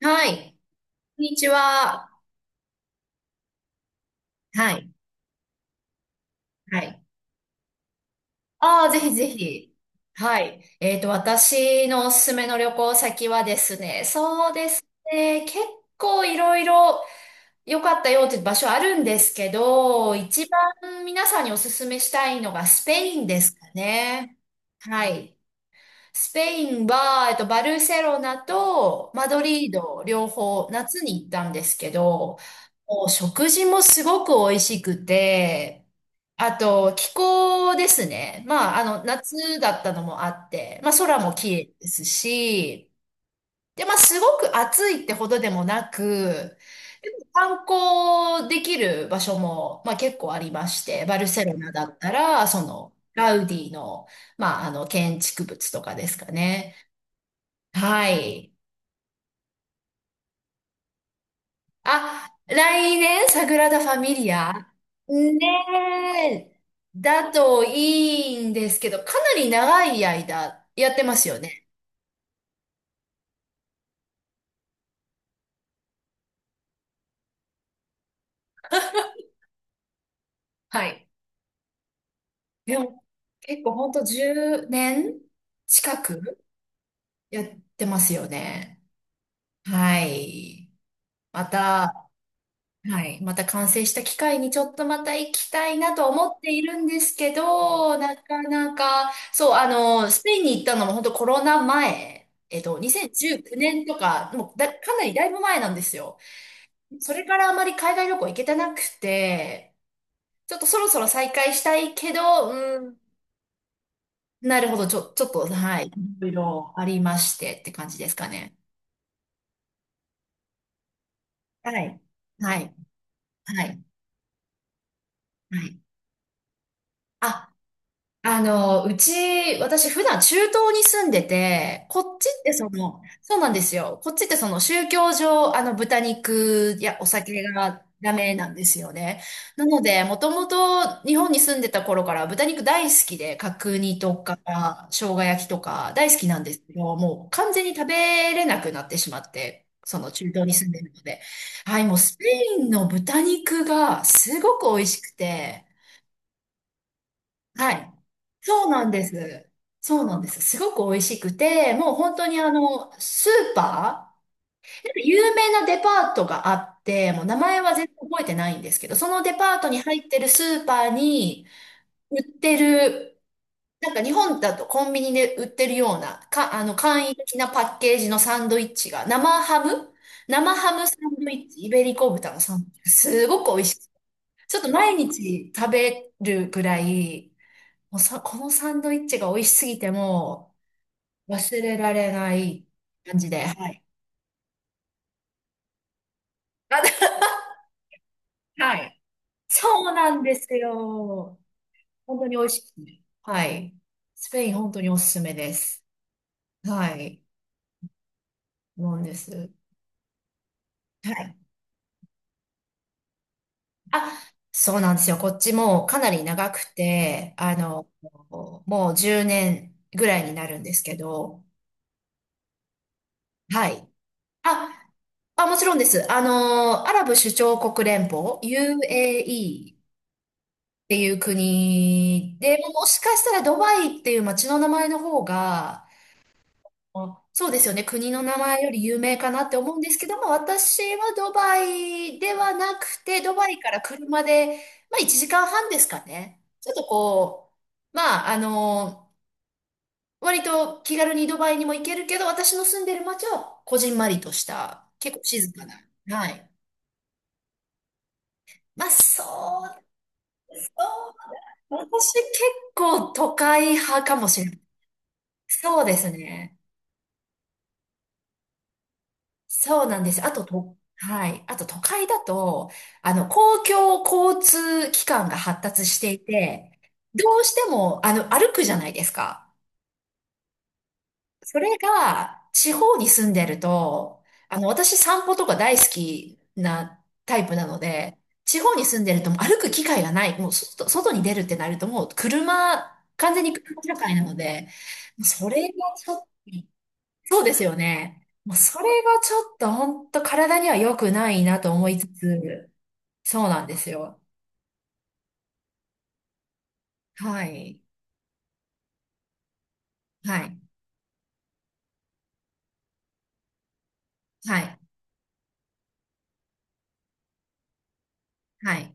はい。こんにちは。はい。はい。ああ、ぜひぜひ。はい。私のおすすめの旅行先はですね、そうですね、結構いろいろ良かったよっていう場所あるんですけど、一番皆さんにおすすめしたいのがスペインですかね。はい。スペインは、バルセロナとマドリード両方夏に行ったんですけど、もう食事もすごく美味しくて、あと気候ですね。まあ、夏だったのもあって、まあ空も綺麗ですし、で、まあ、すごく暑いってほどでもなく、でも観光できる場所も、まあ、結構ありまして、バルセロナだったら、ガウディの、まあ、建築物とかですかね。はい。あ、来年、サグラダ・ファミリア。ねえ、だといいんですけど、かなり長い間やってますよね。はい。でも、結構ほんと10年近くやってますよね。はい。また、はい。また完成した機会にちょっとまた行きたいなと思っているんですけど、なかなか、そう、スペインに行ったのも本当コロナ前、2019年とか、もうだ、かなりだいぶ前なんですよ。それからあまり海外旅行行けてなくて、ちょっとそろそろ再開したいけど、うん、なるほど、ちょっと、はい。いろいろありましてって感じですかね。はい。はい。はい。はい。あ、あの、うち、私普段中東に住んでて、こっちってそうなんですよ。こっちってその宗教上、豚肉やお酒がダメなんですよね。なので、もともと日本に住んでた頃から豚肉大好きで、角煮とか、生姜焼きとか大好きなんですけど、もう完全に食べれなくなってしまって、その中東に住んでるので。はい、もうスペインの豚肉がすごく美味しくて、はい。そうなんです。そうなんです。すごく美味しくて、もう本当にあの、スーパー、有名なデパートがあって、もう名前は全然覚えてないんですけど、そのデパートに入ってるスーパーに売ってる、なんか日本だとコンビニで売ってるような、か、あの、簡易的なパッケージのサンドイッチが、生ハムサンドイッチ、イベリコ豚のサンドイッチ、すごく美味しい。ちょっと毎日食べるぐらい、もうさ、このサンドイッチが美味しすぎてもう忘れられない感じで。はい。あ、はい。そうなんですよ。本当に美味しいですね。はい。スペイン本当におすすめです。はい。なんです。はい。あ、そうなんですよ。こっちもうかなり長くて、もう10年ぐらいになるんですけど、はい。あ、もちろんです。アラブ首長国連邦、UAE っていう国で、もしかしたらドバイっていう街の名前の方が、あ、そうですよね、国の名前より有名かなって思うんですけども、私はドバイではなくて、ドバイから車で、まあ1時間半ですかね。ちょっとまあ割と気軽にドバイにも行けるけど、私の住んでる街はこじんまりとした、結構静かな。はい。まあ、そう、そう、私結構都会派かもしれない。そうですね。そうなんです。あと、はい。あと、都会だと、公共交通機関が発達していて、どうしても、歩くじゃないですか。それが、地方に住んでると、私散歩とか大好きなタイプなので、地方に住んでるともう歩く機会がない。もう外に出るってなるともう車、完全に車社会なので、それがちょっとそうですよね。もうそれがちょっと本当体には良くないなと思いつつ、そうなんですよ。はい。はい。はい。はい。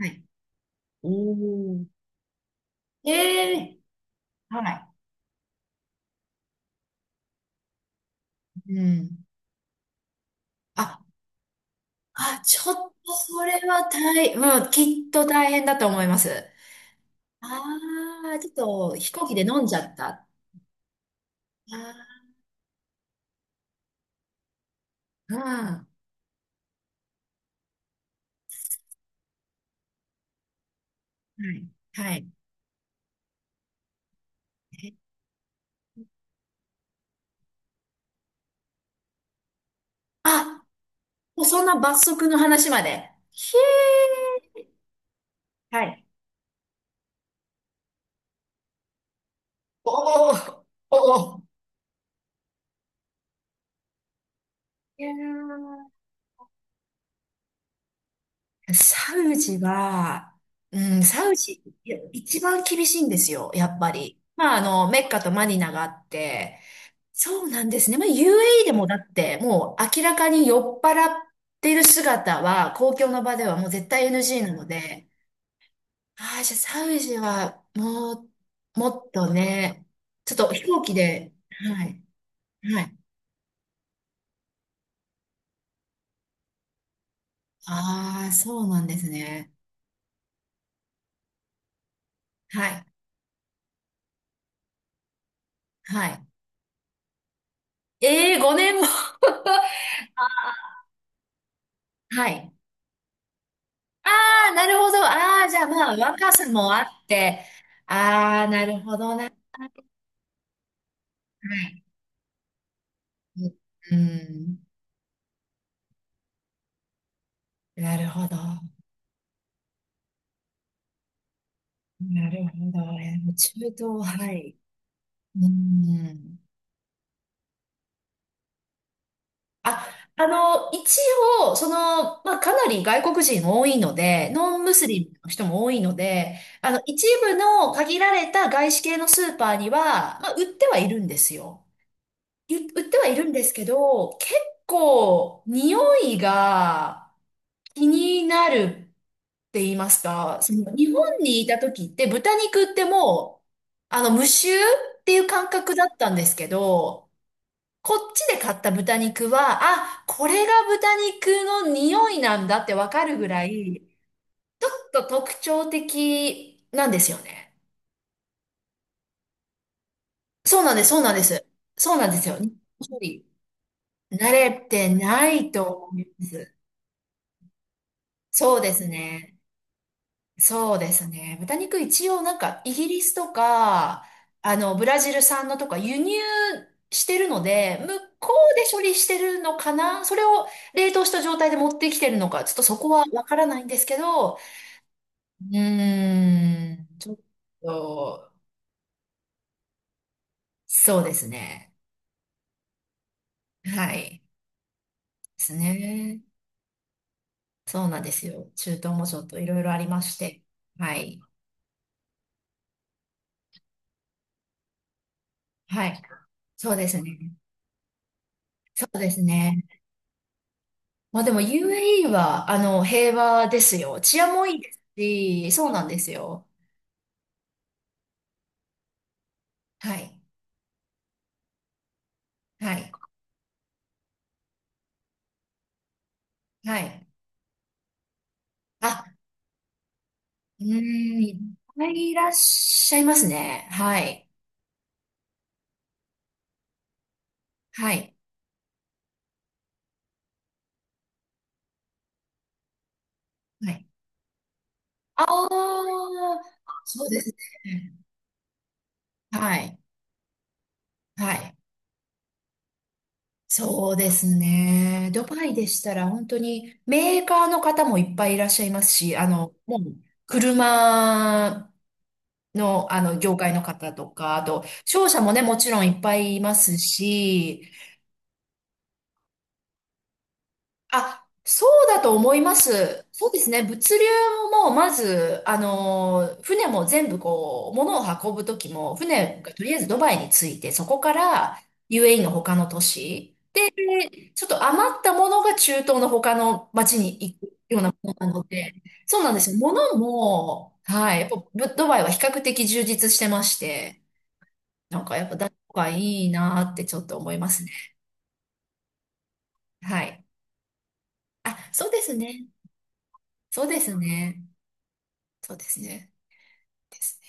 はい。ええ、はい。うん。あ、ちょっとそれは大、うん、きっと大変だと思います。ああ、ちょっと飛行機で飲んじゃった。ああ、うん。はい。はい。あ、もうそんな罰則の話まで。ひえー。はい。おお、おお。いやー、サウジは、うん、サウジ、いや一番厳しいんですよ、やっぱり。まあ、メッカとマニナがあって、そうなんですね。まあ、UAE でもだって、もう明らかに酔っ払ってる姿は、公共の場ではもう絶対 NG なので、ああ、じゃあサウジは、もう、もっとね、ちょっと飛行機で、はい、はい。ああ、そうなんですね。はい、はい。ええー、5年も。はい。ああ、なるほど。ああ、じゃあまあ、若さもあって。ああ、なるほどな。はい。うん。なるほど。なるほど。中東、はい。うん。あ、一応、まあ、かなり外国人多いので、ノンムスリムの人も多いので、一部の限られた外資系のスーパーには、まあ、売ってはいるんですよ。売ってはいるんですけど、結構、匂いが、気になるって言いますか、その日本にいた時って豚肉ってもう、無臭っていう感覚だったんですけど、こっちで買った豚肉は、あ、これが豚肉の匂いなんだってわかるぐらい、ちょっと特徴的なんですよね。そうなんです、そうなんです。そうなんですよ。日本人慣れてないと思います。そうですね。そうですね。豚肉一応なんかイギリスとか、ブラジル産のとか輸入してるので、向こうで処理してるのかな、それを冷凍した状態で持ってきてるのか、ちょっとそこはわからないんですけど、うーん、ちょっと、そうですね。はい。ですね。そうなんですよ。中東もちょっといろいろありまして。はい。はい。そうですね。そうですね。まあでも UAE は、平和ですよ。治安もいいですし、そうなんですよ。はい。はい。はい。あ、うーん、いっぱいいらっしゃいますね。はい。はい。はい。ああ、そうですね。はい。はい。そうですね。ドバイでしたら本当にメーカーの方もいっぱいいらっしゃいますし、もう車の、業界の方とか、あと、商社もね、もちろんいっぱいいますし、あ、そうだと思います。そうですね。物流も、まず、船も全部物を運ぶときも、船がとりあえずドバイに着いて、そこから UAE の他の都市、ちょっと余ったものが中東の他の町に行くようなものなので、そうなんですよ。物も、はい、やっぱドバイは比較的充実してまして、なんかやっぱ誰かがいいなーってちょっと思いますね。はい。あ、そうですね。そうですね。そうですね。です